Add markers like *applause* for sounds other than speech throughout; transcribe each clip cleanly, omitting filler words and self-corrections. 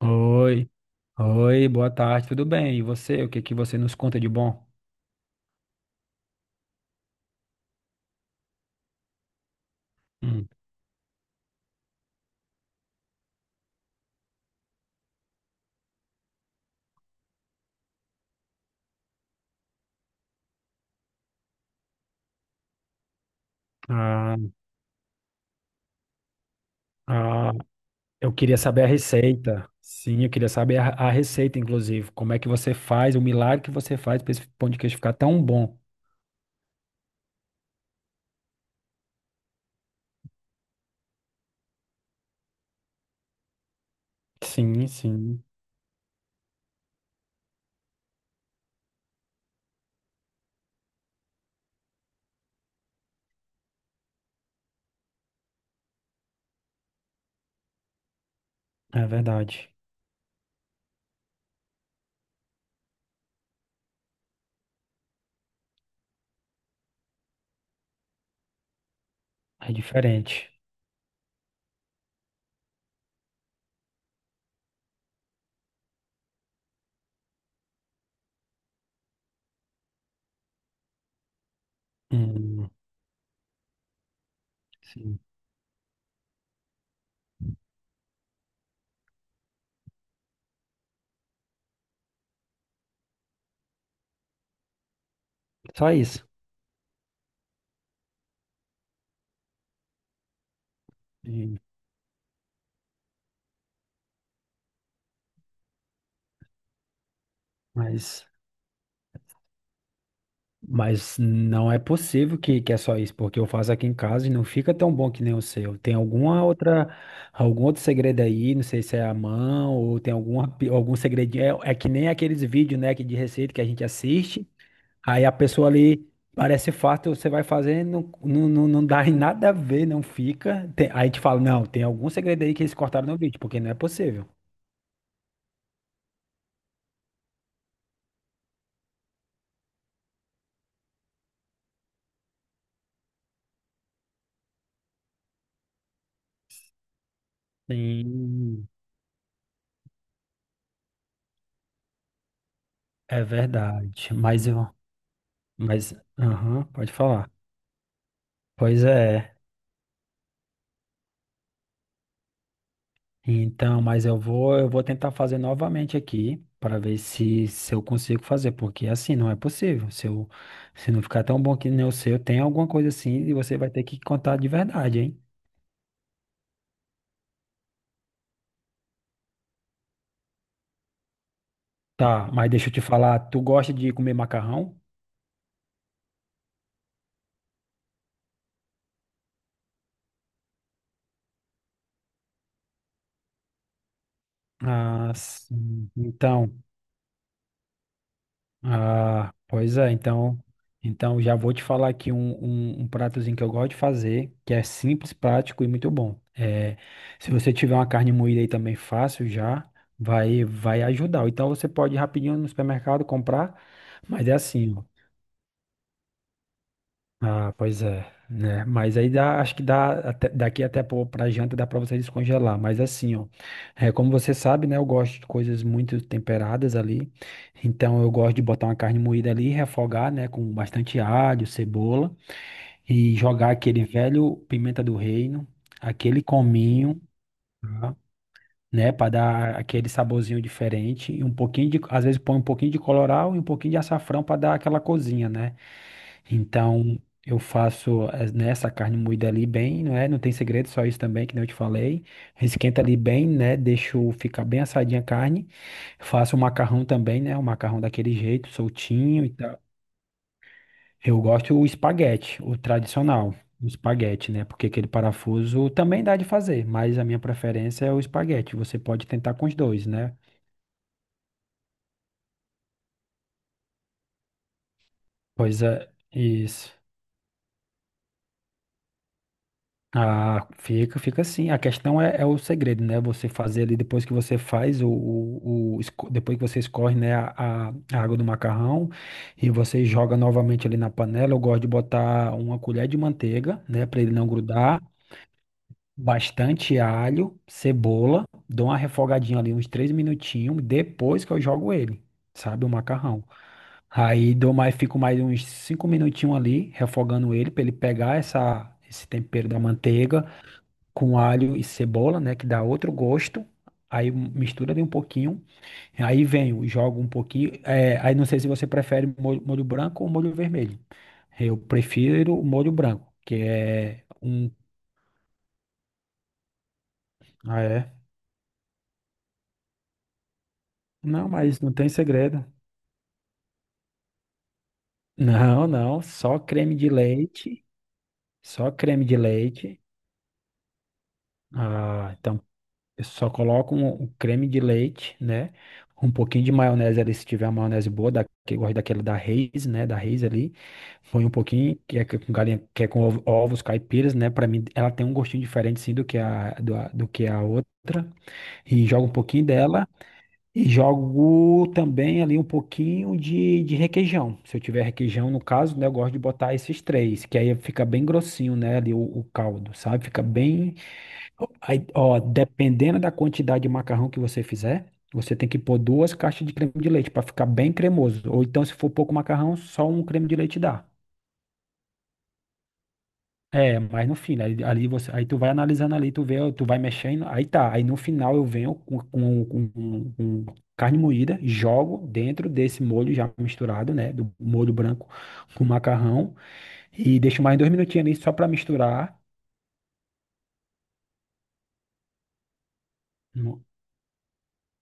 Oi, boa tarde, tudo bem? E você, o que que você nos conta de bom? Hum, Ah, ah, eu queria saber a receita. Sim, eu queria saber a receita, inclusive. Como é que você faz, o milagre que você faz para esse pão de queijo ficar tão bom? Sim, sim, é verdade. É diferente. Hum, sim, só isso. E- mas Mas não é possível que é só isso, porque eu faço aqui em casa e não fica tão bom que nem o seu. Tem alguma outra, algum outro segredo aí, não sei se é a mão ou tem alguma, algum segredinho. É que nem aqueles vídeos, né, que de receita que a gente assiste, aí a pessoa ali parece fácil, você vai fazer, não dá em nada a ver, não fica. Aí a gente fala, não, tem algum segredo aí que eles cortaram no vídeo, porque não é possível. Sim, é verdade. Mas, aham, pode falar. Pois é. Então, eu vou tentar fazer novamente aqui para ver se eu consigo fazer, porque assim não é possível. Se não ficar tão bom que nem o seu, tem alguma coisa assim e você vai ter que contar de verdade, hein? Tá, mas deixa eu te falar, tu gosta de comer macarrão? Ah, sim. Então, ah, pois é, então, então já vou te falar aqui um pratozinho que eu gosto de fazer, que é simples, prático e muito bom. É, se você tiver uma carne moída aí também fácil já, vai ajudar. Ou então você pode ir rapidinho no supermercado comprar, mas é assim, ó. Ah, pois é, né? Mas aí dá, acho que dá pra janta dá pra você descongelar. Mas assim, ó, é, como você sabe, né? Eu gosto de coisas muito temperadas ali. Então eu gosto de botar uma carne moída ali, refogar, né? Com bastante alho, cebola e jogar aquele velho pimenta do reino, aquele cominho, tá? Né? Para dar aquele saborzinho diferente e um pouquinho de, às vezes põe um pouquinho de colorau e um pouquinho de açafrão para dar aquela cozinha, né? Então, eu faço né, essa carne moída ali bem, não é? Não tem segredo, só isso também, que nem eu te falei. Esquenta ali bem, né? Deixo ficar bem assadinha a carne. Faço o macarrão também, né? O macarrão daquele jeito, soltinho e tal. Eu gosto o espaguete, o espaguete, né? Porque aquele parafuso também dá de fazer, mas a minha preferência é o espaguete. Você pode tentar com os dois, né? Coisa, isso. Ah, fica, fica assim. A questão é o segredo, né? Você fazer ali depois que você faz depois que você escorre, né, a água do macarrão e você joga novamente ali na panela. Eu gosto de botar uma colher de manteiga, né, para ele não grudar. Bastante alho, cebola, dou uma refogadinha ali uns três minutinhos depois que eu jogo ele, sabe, o macarrão. Aí dou mais, fico mais uns cinco minutinhos ali refogando ele para ele pegar essa esse tempero da manteiga com alho e cebola, né, que dá outro gosto. Aí mistura ali um pouquinho, aí venho, jogo um pouquinho. É, aí não sei se você prefere molho branco ou molho vermelho. Eu prefiro o molho branco, que é um. Ah, é? Não, mas não tem segredo. Não, não, só creme de leite. Ah, então eu só coloco um creme de leite, né? Um pouquinho de maionese ali, se tiver uma maionese boa, que eu gosto daquela da Reis, né? Da Reis ali. Põe um pouquinho, que é com galinha, que é com ovos caipiras, né? Pra mim, ela tem um gostinho diferente, sim, do que do que a outra. E jogo um pouquinho dela. E jogo também ali um pouquinho de requeijão. Se eu tiver requeijão, no caso, né? Eu gosto de botar esses três, que aí fica bem grossinho, né? Ali o caldo, sabe? Fica bem. Aí, ó, dependendo da quantidade de macarrão que você fizer, você tem que pôr duas caixas de creme de leite para ficar bem cremoso. Ou então, se for pouco macarrão, só um creme de leite dá. É, mas no fim, né, ali, ali você, aí tu vai analisando ali, tu vê, tu vai mexendo, aí tá. Aí no final eu venho com carne moída, jogo dentro desse molho já misturado, né? Do molho branco com macarrão e deixo mais dois minutinhos ali só para misturar.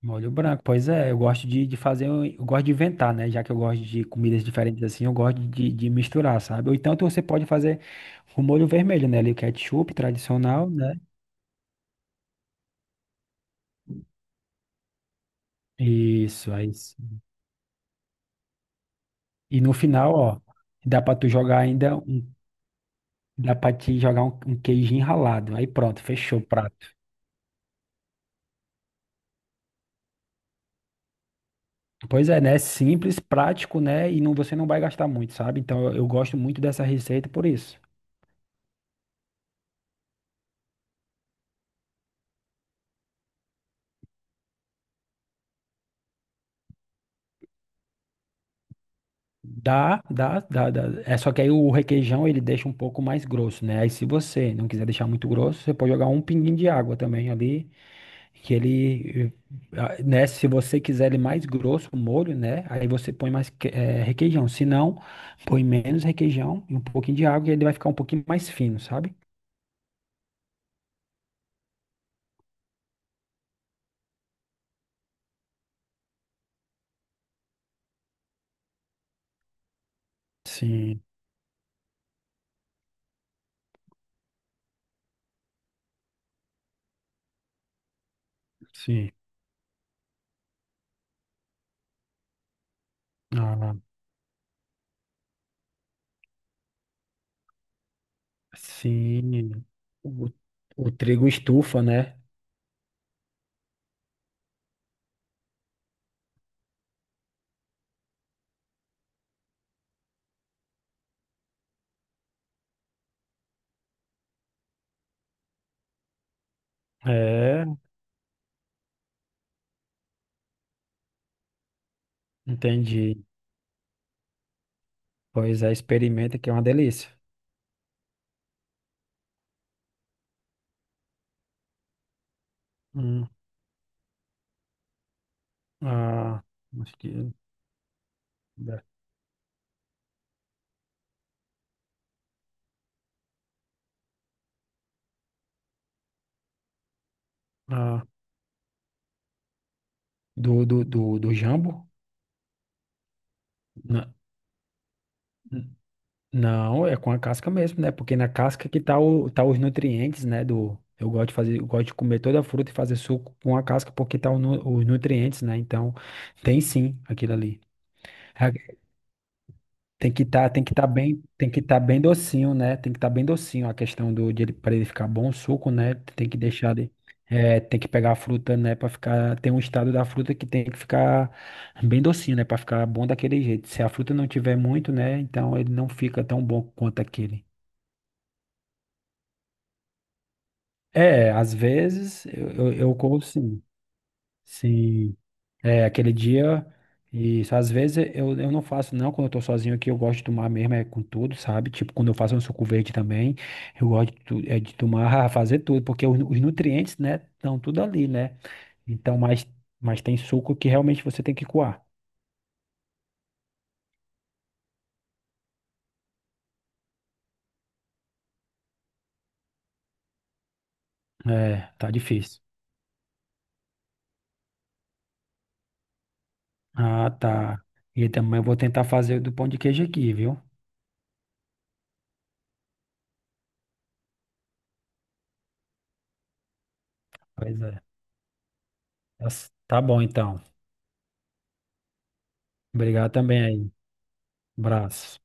Molho branco, pois é, eu gosto de fazer, eu gosto de inventar, né? Já que eu gosto de comidas diferentes assim, eu gosto de misturar, sabe? Ou então você pode fazer o molho vermelho, né? Ali o ketchup tradicional, né? Isso, é isso. E no final, ó, dá pra tu jogar ainda um, dá pra te jogar um queijinho ralado. Aí pronto, fechou o prato. Pois é, né? Simples, prático, né? E não, você não vai gastar muito, sabe? Então eu gosto muito dessa receita por isso. Dá, dá, dá, dá. É só que aí o requeijão ele deixa um pouco mais grosso, né? Aí se você não quiser deixar muito grosso, você pode jogar um pinguinho de água também ali, que ele, eh, ah, né? Se você quiser ele mais grosso, o molho, né? Aí você põe mais requeijão. Se não, põe menos requeijão e um pouquinho de água e ele vai ficar um pouquinho mais fino, sabe? Sim, sim. Ah, sim. O, o trigo estufa, né? É, entendi. Pois é, experimenta que é uma delícia. Hum, ah, acho que ah, do, do jambo? Na- n- Não, é com a casca mesmo, né? Porque na casca que tá, o, tá os nutrientes, né? Do, eu gosto de fazer, eu gosto de comer toda a fruta e fazer suco com a casca porque tá os nutrientes, né? Então, tem sim aquilo ali. Tem que estar, tem que tá bem, tem que tá bem docinho, né? Tem que estar bem docinho a questão do de ele para ele ficar bom o suco, né? Tem que deixar de, é, tem que pegar a fruta, né, para ficar, tem um estado da fruta que tem que ficar bem docinho, né, para ficar bom daquele jeito. Se a fruta não tiver muito, né, então ele não fica tão bom quanto aquele. É, às vezes eu como sim. Sim. É, aquele dia, e às vezes eu não faço, não, quando eu tô sozinho aqui, eu gosto de tomar mesmo, é com tudo, sabe? Tipo, quando eu faço um suco verde também, eu gosto é, de tomar, *laughs* fazer tudo, porque os nutrientes, né, estão tudo ali, né? Então, mas tem suco que realmente você tem que coar. É, tá difícil. Ah, tá. E também eu vou tentar fazer do pão de queijo aqui, viu? Pois é. Tá tá bom, então. Obrigado também aí. Abraço.